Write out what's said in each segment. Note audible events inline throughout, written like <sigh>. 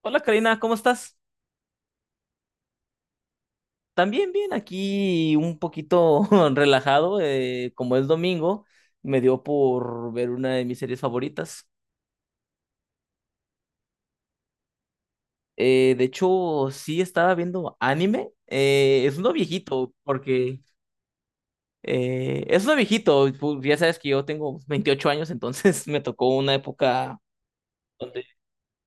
Hola Karina, ¿cómo estás? También bien, aquí un poquito <laughs> relajado, como es domingo, me dio por ver una de mis series favoritas. De hecho, sí estaba viendo anime, es uno viejito, porque es uno viejito, ya sabes que yo tengo 28 años, entonces <laughs> me tocó una época donde...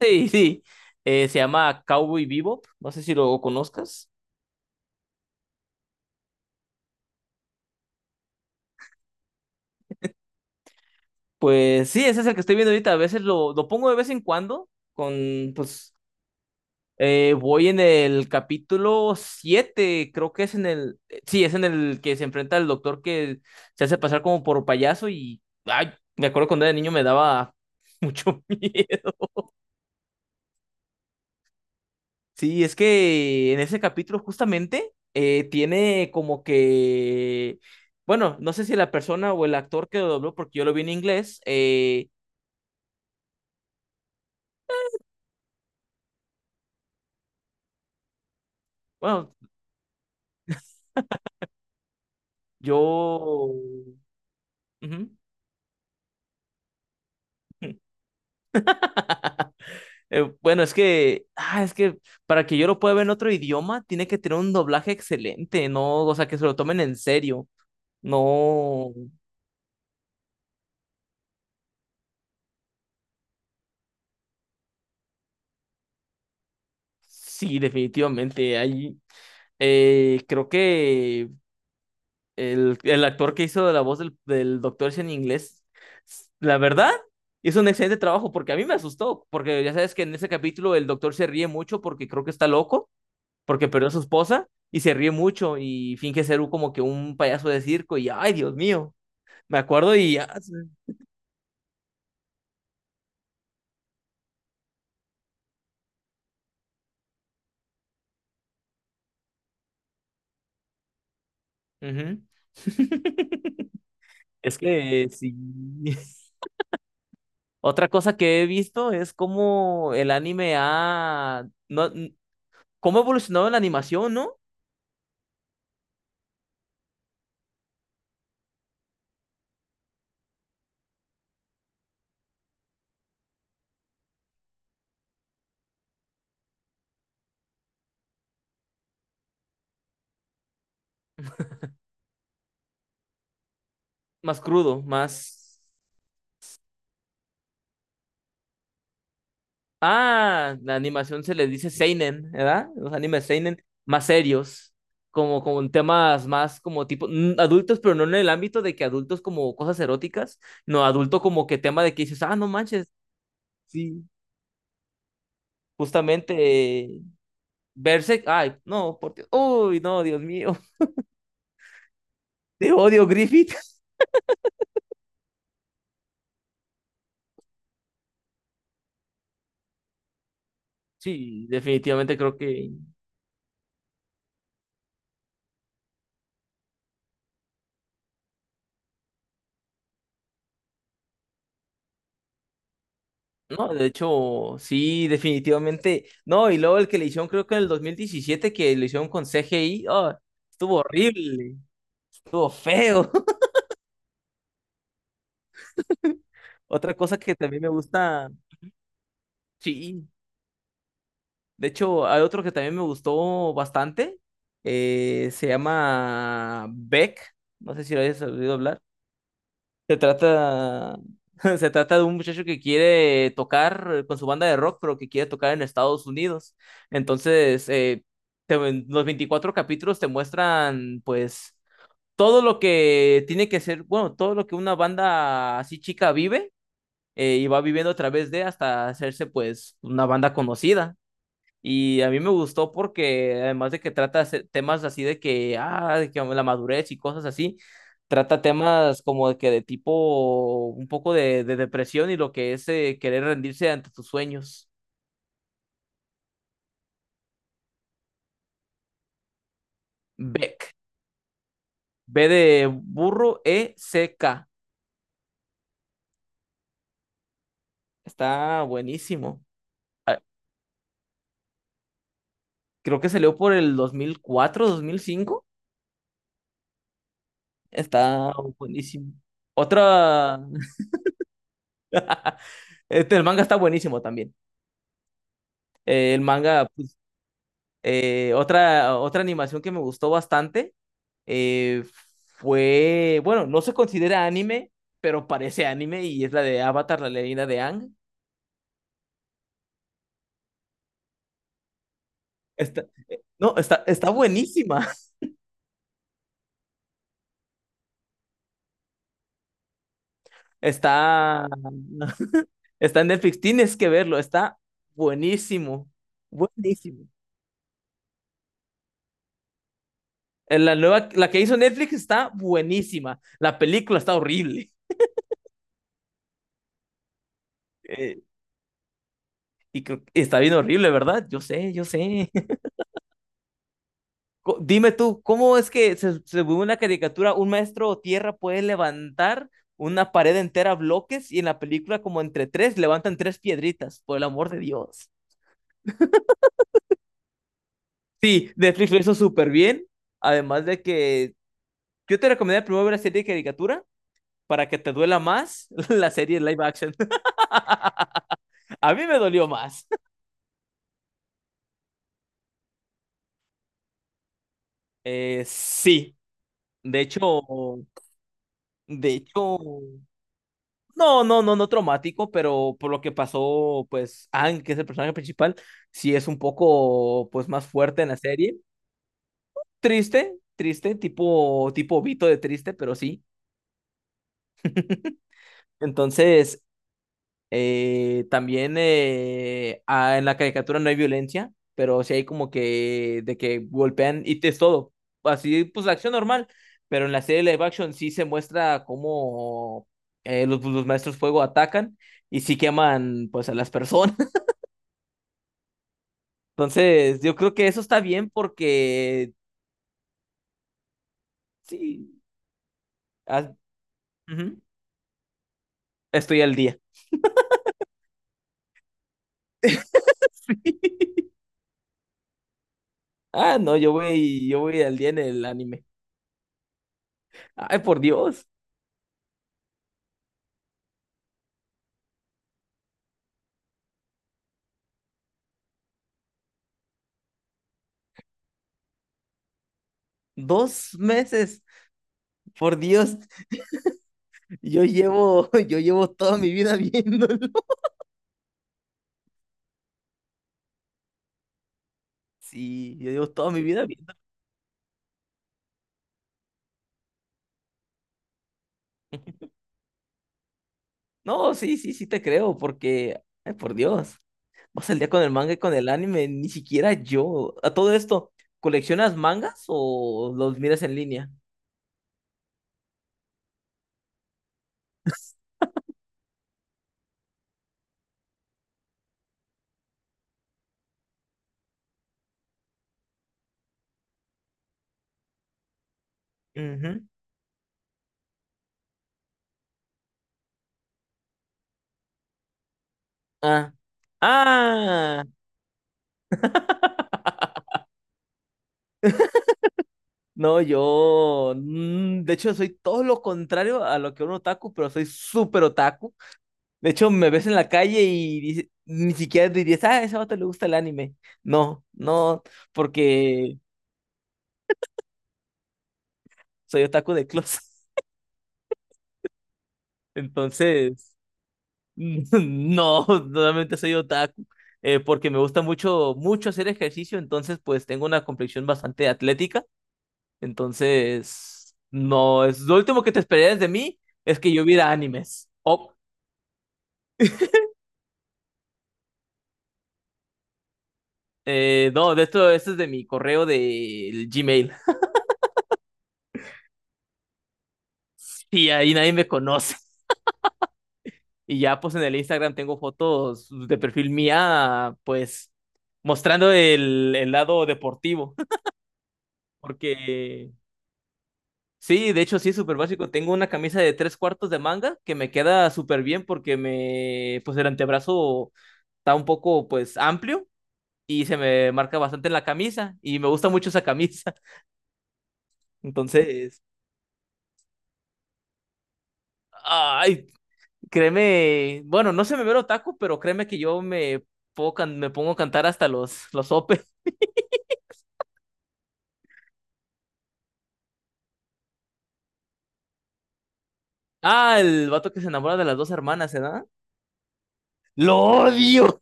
Sí, sí, se llama Cowboy Bebop, no sé si lo conozcas. Pues sí, ese es el que estoy viendo ahorita, a veces lo pongo de vez en cuando, con pues. Voy en el capítulo siete, creo que es en el, sí, es en el que se enfrenta al doctor que se hace pasar como por payaso y, ay, me acuerdo cuando era niño me daba mucho <laughs> miedo. Sí, es que en ese capítulo justamente tiene como que, bueno, no sé si la persona o el actor que lo dobló, porque yo lo vi en inglés, bueno, yo... Ujú. <laughs> Bueno, es que para que yo lo pueda ver en otro idioma, tiene que tener un doblaje excelente, ¿no? O sea, que se lo tomen en serio. No, sí, definitivamente. Ahí, creo que el actor que hizo la voz del Doctor Ese en inglés, la verdad, hizo un excelente trabajo porque a mí me asustó, porque ya sabes que en ese capítulo el doctor se ríe mucho porque creo que está loco, porque perdió a su esposa y se ríe mucho y finge ser un- como que un payaso de circo y, ay, Dios mío. Me acuerdo y ya. Sí. Ujú. <laughs> Es que sí. <laughs> Otra cosa que he visto es cómo el anime ha... No, cómo ha evolucionado la animación, ¿no? Más crudo, más... La animación se le dice seinen, ¿verdad? Los animes seinen más serios, como con temas más como tipo adultos, pero no en el ámbito de que adultos como cosas eróticas, no adulto como que tema de que dices, no manches, sí, justamente Berserk, ay, no, por Dios, uy, no, Dios mío, <laughs> te odio, Griffith. Sí, definitivamente creo que, no, de hecho, sí, definitivamente, no, y luego el que le hicieron, creo que en el 2017 que lo hicieron con CGI, oh, estuvo horrible, estuvo feo. <laughs> Otra cosa que también me gusta, sí, de hecho, hay otro que también me gustó bastante, se llama Beck, no sé si lo hayas oído hablar. Se trata, <laughs> se trata de un muchacho que quiere tocar con su banda de rock, pero que quiere tocar en Estados Unidos. Entonces, te- los 24 capítulos te muestran, pues, todo lo que tiene que ser, bueno, todo lo que una banda así chica vive y va viviendo a través de hasta hacerse, pues, una banda conocida. Y a mí me gustó porque además de que trata temas así de que, ah, de que la madurez y cosas así, trata temas como de que de tipo un poco de depresión y lo que es querer rendirse ante tus sueños. Beck. B de burro, E, C, K. Está buenísimo. Ah, creo que salió por el dos mil cuatro dos mil cinco. Está buenísimo. Otra, <laughs> este, el manga está buenísimo también. El manga. Otra animación que me gustó bastante eh, fue, bueno, no se considera anime, pero parece anime y es la de Avatar, la leyenda de Aang. Está, no, está buenísima. <laughs> Está, está en Netflix, tienes que verlo, está buenísimo, buenísimo. La nueva, la que hizo Netflix está buenísima. La película está horrible. <laughs> Eh, Está bien horrible, ¿verdad? Yo sé, yo sé. Dime tú, ¿cómo es que se según una caricatura, un maestro tierra puede levantar una pared entera a bloques y en la película como entre tres levantan tres piedritas, por el amor de Dios? Sí, Netflix lo hizo súper bien, además de que yo te recomendaría primero ver la serie de caricatura para que te duela más <laughs> la serie live action. <laughs> A mí me dolió más. <laughs> Sí, de hecho, de hecho, no, no, no, no traumático, pero por lo que pasó, pues Aang, que es el personaje principal, sí es un poco, pues, más fuerte en la serie. Triste, triste, tipo Vito de triste, pero sí. Entonces, también en la caricatura no hay violencia, pero sí hay como que de que golpean y te es todo. Así, pues, la acción normal, pero en la serie live action sí se muestra cómo los maestros fuego atacan y sí queman, pues, a las personas. Entonces, yo creo que eso está bien porque sí, ah, ujú, estoy al día. <laughs> Ah, no, yo voy al día en el anime. Ay, por Dios, 2 meses. Por Dios, yo llevo, <laughs> yo llevo toda mi vida <laughs> viéndolo. Sí, yo llevo toda mi vida viendo. No, sí, sí, sí te creo, porque, ay, por Dios, vas al día con el manga y con el anime, ni siquiera yo. A todo esto, ¿coleccionas mangas o los miras en línea? Ujú. Ah, ah, no, yo, de hecho, soy todo lo contrario a lo que un otaku, pero soy súper otaku. De hecho, me ves en la calle y ni siquiera dirías, ah, a ese vato le gusta el anime. No, no, porque soy otaku de closet. <laughs> Entonces, <laughs> no, realmente soy otaku, porque me gusta mucho, mucho hacer ejercicio, entonces, pues, tengo una complexión bastante atlética. Entonces, no, es lo último que te esperarías de mí es que yo viera animes. Oh, no, esto es de mi correo de Gmail. Y ahí nadie me conoce. <laughs> Y ya pues en el Instagram tengo fotos de perfil mía, pues mostrando el lado deportivo. <laughs> Porque sí, de hecho sí es súper básico. Tengo una camisa de tres cuartos de manga que me queda súper bien porque me, pues el antebrazo está un poco pues amplio y se me marca bastante en la camisa y me gusta mucho esa camisa. <laughs> Entonces, ay, créeme, bueno, no se me ve el otaku, pero créeme que yo me, puedo can me pongo a cantar hasta los ope. <laughs> Ah, el vato que se enamora de las dos hermanas, ¿verdad? ¡Lo odio!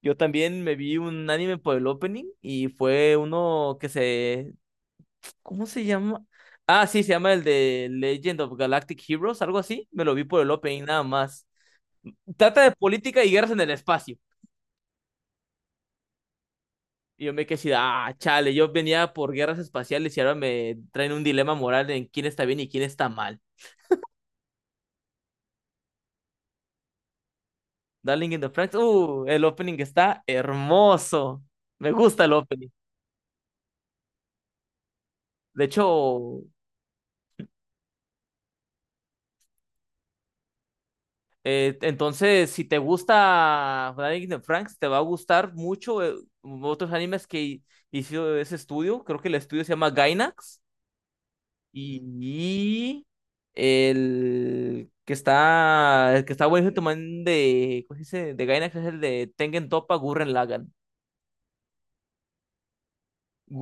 Yo también me vi un anime por el opening y fue uno que se... ¿Cómo se llama? Ah, sí, se llama el de Legend of Galactic Heroes, algo así. Me lo vi por el opening nada más. Trata de política y guerras en el espacio. Y yo me quedé así, de, ah, chale, yo venía por guerras espaciales y ahora me traen un dilema moral en quién está bien y quién está mal. Darling in the Franks, el opening está hermoso. Me gusta el opening. De hecho, entonces, si te gusta Darling in the Franks, te va a gustar mucho otros animes que hizo ese estudio. Creo que el estudio se llama Gainax. Y el que está buenísimo también de, ¿cómo se dice? De Gainax es el de Tengen Toppa Gurren Lagann.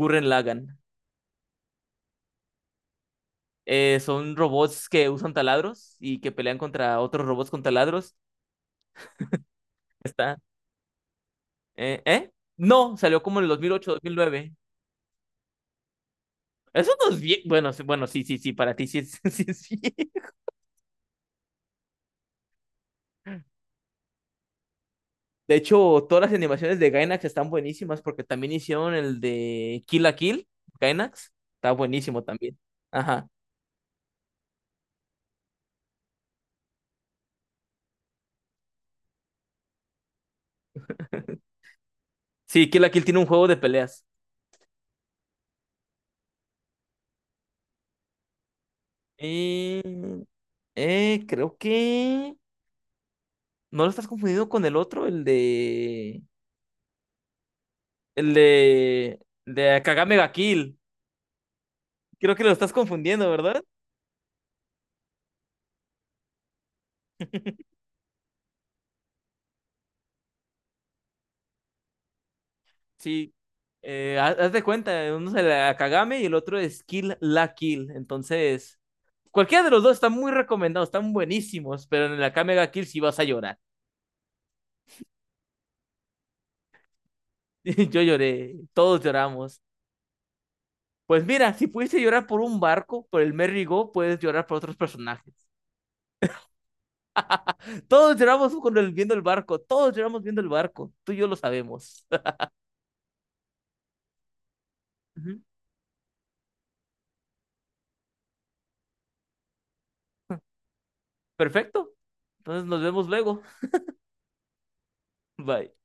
Gurren Lagann. Son robots que usan taladros y que pelean contra otros robots con taladros. Está, ¿Eh? No, salió como en el 2008-2009. Eso no es bien. Bueno, sí, bueno, sí, sí, sí, para ti sí es, <laughs> sí, sí. De hecho, todas las animaciones de Gainax están buenísimas porque también hicieron el de Kill la Kill, Gainax. Está buenísimo también. Ajá. <laughs> Sí, Kill la Kill tiene un juego de peleas. Eh, Creo que... ¿No lo estás confundiendo con el otro? El de... De Kagame ga Kill. Creo que lo estás confundiendo, ¿verdad? Sí, haz de cuenta, uno es el Akagame y el otro es Kill la Kill. Entonces, cualquiera de los dos está muy recomendado, están buenísimos, pero en el Akame ga Kill sí vas a llorar. <laughs> Yo lloré, todos lloramos. Pues mira, si pudiste llorar por un barco, por el Merry Go, puedes llorar por otros personajes. Todos lloramos con el, viendo el barco, todos lloramos viendo el barco, tú y yo lo sabemos. <laughs> Ujú. Perfecto. Entonces nos vemos luego. <laughs> Bye.